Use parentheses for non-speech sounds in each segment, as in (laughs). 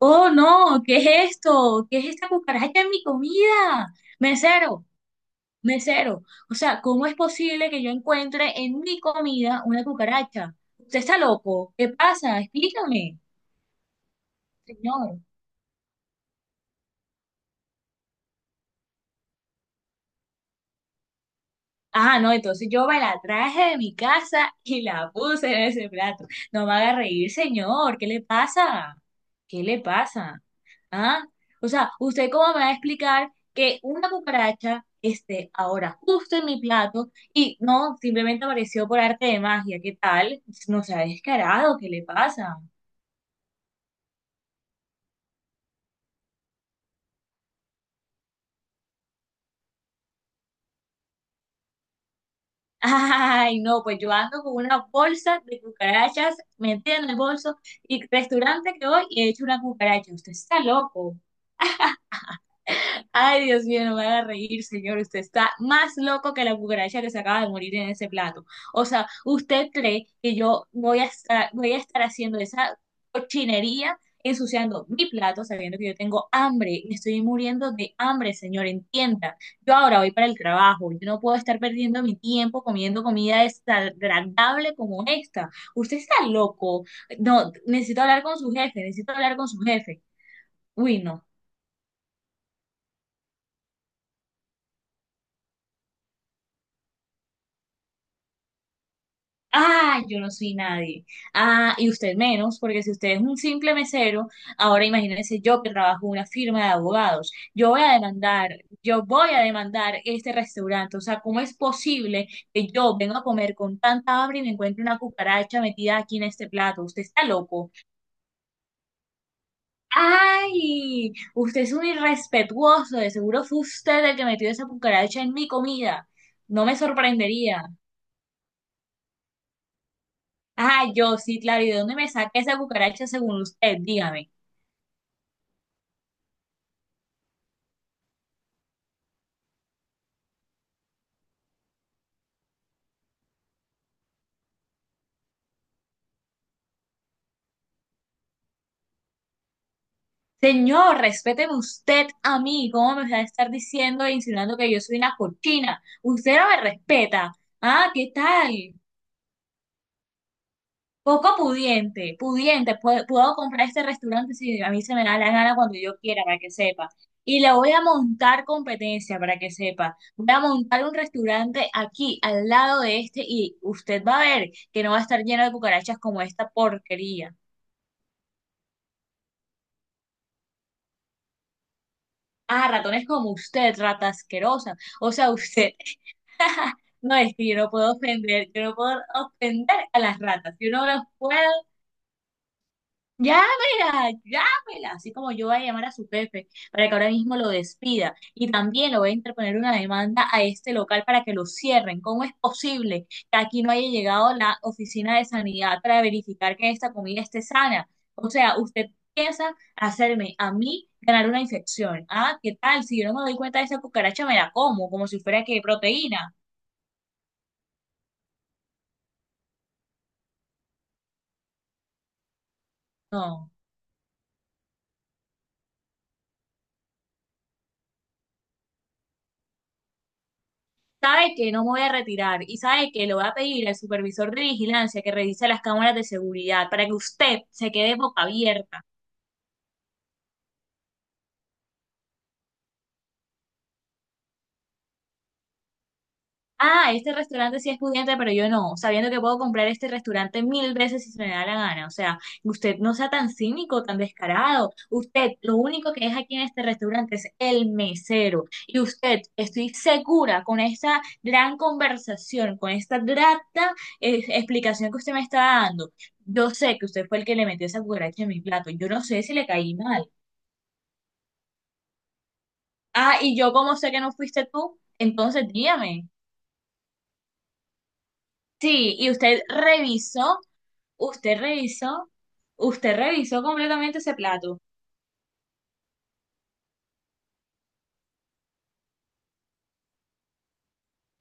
Oh, no, ¿qué es esto? ¿Qué es esta cucaracha en mi comida? Mesero, mesero. O sea, ¿cómo es posible que yo encuentre en mi comida una cucaracha? ¿Usted está loco? ¿Qué pasa? Explícame, señor. Ah, no, entonces yo me la traje de mi casa y la puse en ese plato. No me haga reír, señor. ¿Qué le pasa? ¿Qué le pasa? Ah, o sea, ¿usted cómo me va a explicar que una cucaracha esté ahora justo en mi plato y no, simplemente apareció por arte de magia? ¿Qué tal? No se ha descarado, ¿qué le pasa? Ay, no, pues yo ando con una bolsa de cucarachas metida en el bolso y restaurante que voy y he hecho una cucaracha. Usted está loco. Ay, Dios mío, no me haga reír, señor. Usted está más loco que la cucaracha que se acaba de morir en ese plato. O sea, ¿usted cree que yo voy a estar haciendo esa cochinería, ensuciando mi plato, sabiendo que yo tengo hambre? Me estoy muriendo de hambre, señor, entienda. Yo ahora voy para el trabajo. Yo no puedo estar perdiendo mi tiempo comiendo comida desagradable como esta. Usted está loco. No, necesito hablar con su jefe, necesito hablar con su jefe. Uy, no. Ah, yo no soy nadie. Ah, y usted menos, porque si usted es un simple mesero, ahora imagínese yo que trabajo en una firma de abogados. Yo voy a demandar este restaurante. O sea, ¿cómo es posible que yo venga a comer con tanta hambre y me encuentre una cucaracha metida aquí en este plato? Usted está loco. Ay, usted es un irrespetuoso. De seguro fue usted el que metió esa cucaracha en mi comida. No me sorprendería. Ah, yo sí, claro. ¿Y de dónde me saqué esa cucaracha según usted? Dígame. Señor, respéteme usted a mí. ¿Cómo me va a estar diciendo e insinuando que yo soy una cochina? Usted no me respeta. Ah, ¿qué tal? Poco pudiente, pudiente. Puedo comprar este restaurante si a mí se me da la gana cuando yo quiera, para que sepa. Y le voy a montar competencia, para que sepa. Voy a montar un restaurante aquí, al lado de este, y usted va a ver que no va a estar lleno de cucarachas como esta porquería. Ah, ratones como usted, rata asquerosa. O sea, usted, (laughs) no es que yo no puedo ofender, yo no puedo ofender a las ratas. Yo no los puedo. Llámela, llámela, así como yo voy a llamar a su jefe para que ahora mismo lo despida. Y también lo voy a interponer una demanda a este local para que lo cierren. ¿Cómo es posible que aquí no haya llegado la oficina de sanidad para verificar que esta comida esté sana? O sea, usted piensa hacerme a mí ganar una infección. Ah, ¿qué tal? Si yo no me doy cuenta de esa cucaracha, me la como, como si fuera que proteína. No. Sabe que no me voy a retirar y sabe que le voy a pedir al supervisor de vigilancia que revise las cámaras de seguridad para que usted se quede boca abierta. Ah, este restaurante sí es pudiente, pero yo no, sabiendo que puedo comprar este restaurante mil veces si se me da la gana. O sea, usted no sea tan cínico, tan descarado. Usted lo único que es aquí en este restaurante es el mesero. Y usted, estoy segura con esta gran conversación, con esta grata explicación que usted me está dando. Yo sé que usted fue el que le metió esa cucaracha en mi plato. Yo no sé si le caí mal. Ah, y yo cómo sé que no fuiste tú, entonces dígame. Sí, y usted revisó. Usted revisó, usted revisó completamente ese plato.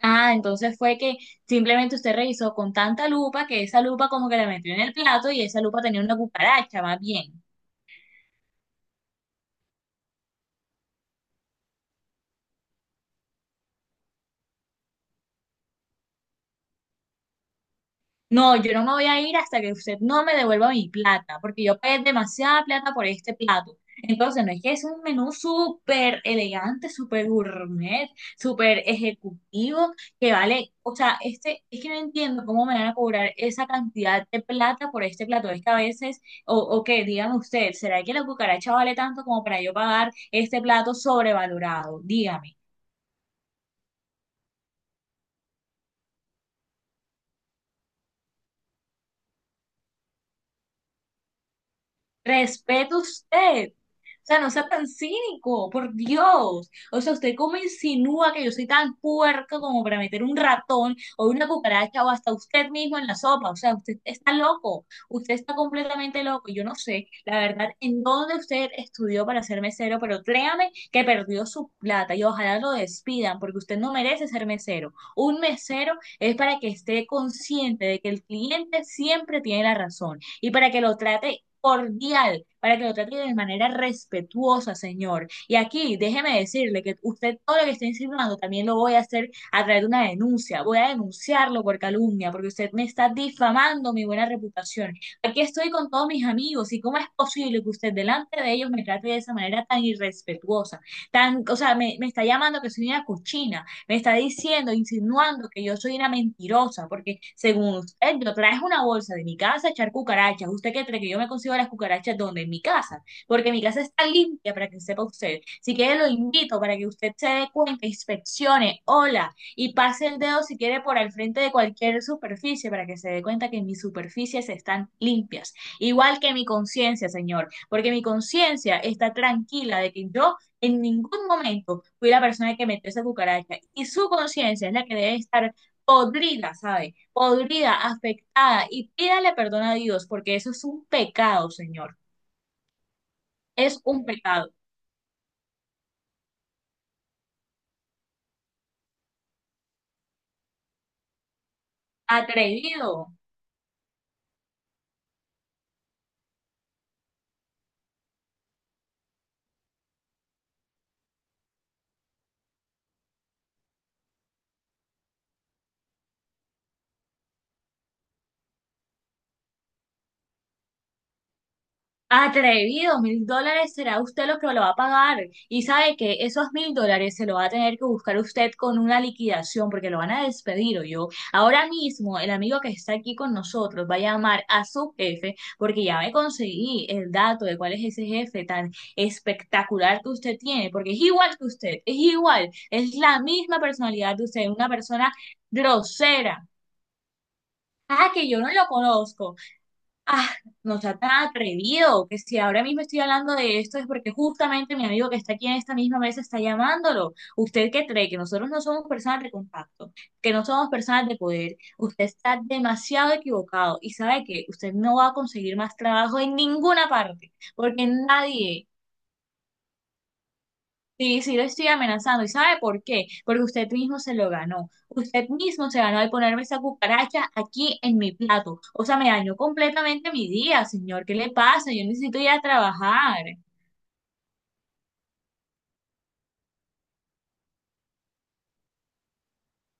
Ah, entonces fue que simplemente usted revisó con tanta lupa que esa lupa como que la metió en el plato y esa lupa tenía una cucaracha, más bien. No, yo no me voy a ir hasta que usted no me devuelva mi plata, porque yo pagué demasiada plata por este plato. Entonces, no es que es un menú súper elegante, súper gourmet, súper ejecutivo, que vale, o sea, este, es que no entiendo cómo me van a cobrar esa cantidad de plata por este plato. Es que a veces, o que dígame usted, ¿será que la cucaracha vale tanto como para yo pagar este plato sobrevalorado? Dígame, respeto usted. O sea, no sea tan cínico, por Dios. O sea, usted cómo insinúa que yo soy tan puerco como para meter un ratón o una cucaracha o hasta usted mismo en la sopa. O sea, usted está loco. Usted está completamente loco. Yo no sé, la verdad, en dónde usted estudió para ser mesero, pero créame que perdió su plata y ojalá lo despidan porque usted no merece ser mesero. Un mesero es para que esté consciente de que el cliente siempre tiene la razón y para que lo trate cordial, para que lo trate de manera respetuosa, señor. Y aquí, déjeme decirle que usted todo lo que está insinuando también lo voy a hacer a través de una denuncia. Voy a denunciarlo por calumnia, porque usted me está difamando mi buena reputación. Aquí estoy con todos mis amigos, y cómo es posible que usted delante de ellos me trate de esa manera tan irrespetuosa, tan, o sea, me está llamando que soy una cochina, me está diciendo, insinuando que yo soy una mentirosa, porque según usted, yo traje una bolsa de mi casa a echar cucarachas. ¿Usted qué cree que yo me consigo las cucarachas donde? En mi casa, porque mi casa está limpia para que sepa usted. Si quiere, lo invito para que usted se dé cuenta, inspeccione, hola, y pase el dedo si quiere por al frente de cualquier superficie para que se dé cuenta que mis superficies están limpias. Igual que mi conciencia, Señor, porque mi conciencia está tranquila de que yo en ningún momento fui la persona que metió esa cucaracha y su conciencia es la que debe estar podrida, ¿sabe? Podrida, afectada y pídale perdón a Dios porque eso es un pecado, Señor. Es un pecado atrevido. Atrevido, $1000 será usted lo que lo va a pagar. Y sabe que esos $1000 se lo va a tener que buscar usted con una liquidación porque lo van a despedir o yo. Ahora mismo el amigo que está aquí con nosotros va a llamar a su jefe porque ya me conseguí el dato de cuál es ese jefe tan espectacular que usted tiene, porque es igual que usted, es igual, es la misma personalidad de usted, una persona grosera. Ah, que yo no lo conozco. Ah, no sea tan atrevido, que si ahora mismo estoy hablando de esto es porque justamente mi amigo que está aquí en esta misma mesa está llamándolo. ¿Usted qué cree? Que nosotros no somos personas de contacto, que no somos personas de poder. Usted está demasiado equivocado y sabe que usted no va a conseguir más trabajo en ninguna parte, porque nadie. Sí, sí lo estoy amenazando. ¿Y sabe por qué? Porque usted mismo se lo ganó. Usted mismo se ganó al ponerme esa cucaracha aquí en mi plato. O sea, me dañó completamente mi día, señor. ¿Qué le pasa? Yo necesito ir a trabajar.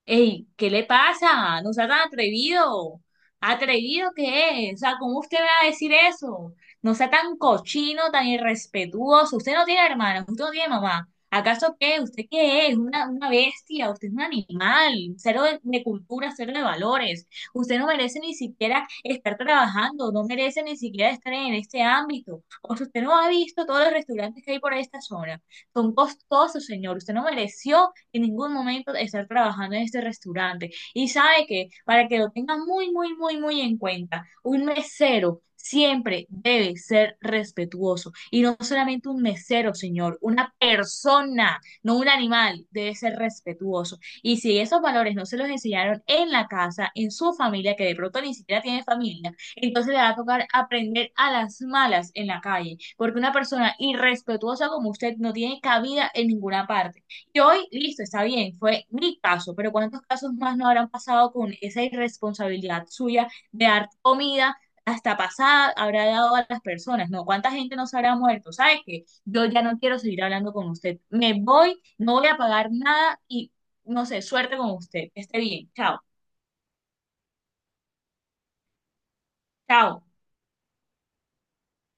Ey, ¿qué le pasa? No sea tan atrevido. ¿Atrevido qué es? O sea, ¿cómo usted va a decir eso? No sea tan cochino, tan irrespetuoso. Usted no tiene hermana, usted no tiene mamá. ¿Acaso qué? ¿Usted qué es? Una bestia, usted es un animal, cero de cultura, cero de valores. Usted no merece ni siquiera estar trabajando, no merece ni siquiera estar en este ámbito. O sea, usted no ha visto todos los restaurantes que hay por esta zona. Son costosos, señor. Usted no mereció en ningún momento estar trabajando en este restaurante. Y sabe que, para que lo tengan muy, muy, muy, muy en cuenta, un mesero siempre debe ser respetuoso. Y no solamente un mesero, señor, una persona, no un animal, debe ser respetuoso. Y si esos valores no se los enseñaron en la casa, en su familia, que de pronto ni siquiera tiene familia, entonces le va a tocar aprender a las malas en la calle, porque una persona irrespetuosa como usted no tiene cabida en ninguna parte. Y hoy, listo, está bien, fue mi caso, pero ¿cuántos casos más no habrán pasado con esa irresponsabilidad suya de dar comida hasta pasada habrá dado a las personas? No, ¿cuánta gente no se habrá muerto? ¿Sabes qué? Yo ya no quiero seguir hablando con usted. Me voy, no voy a pagar nada y no sé, suerte con usted. Que esté bien. Chao, chao.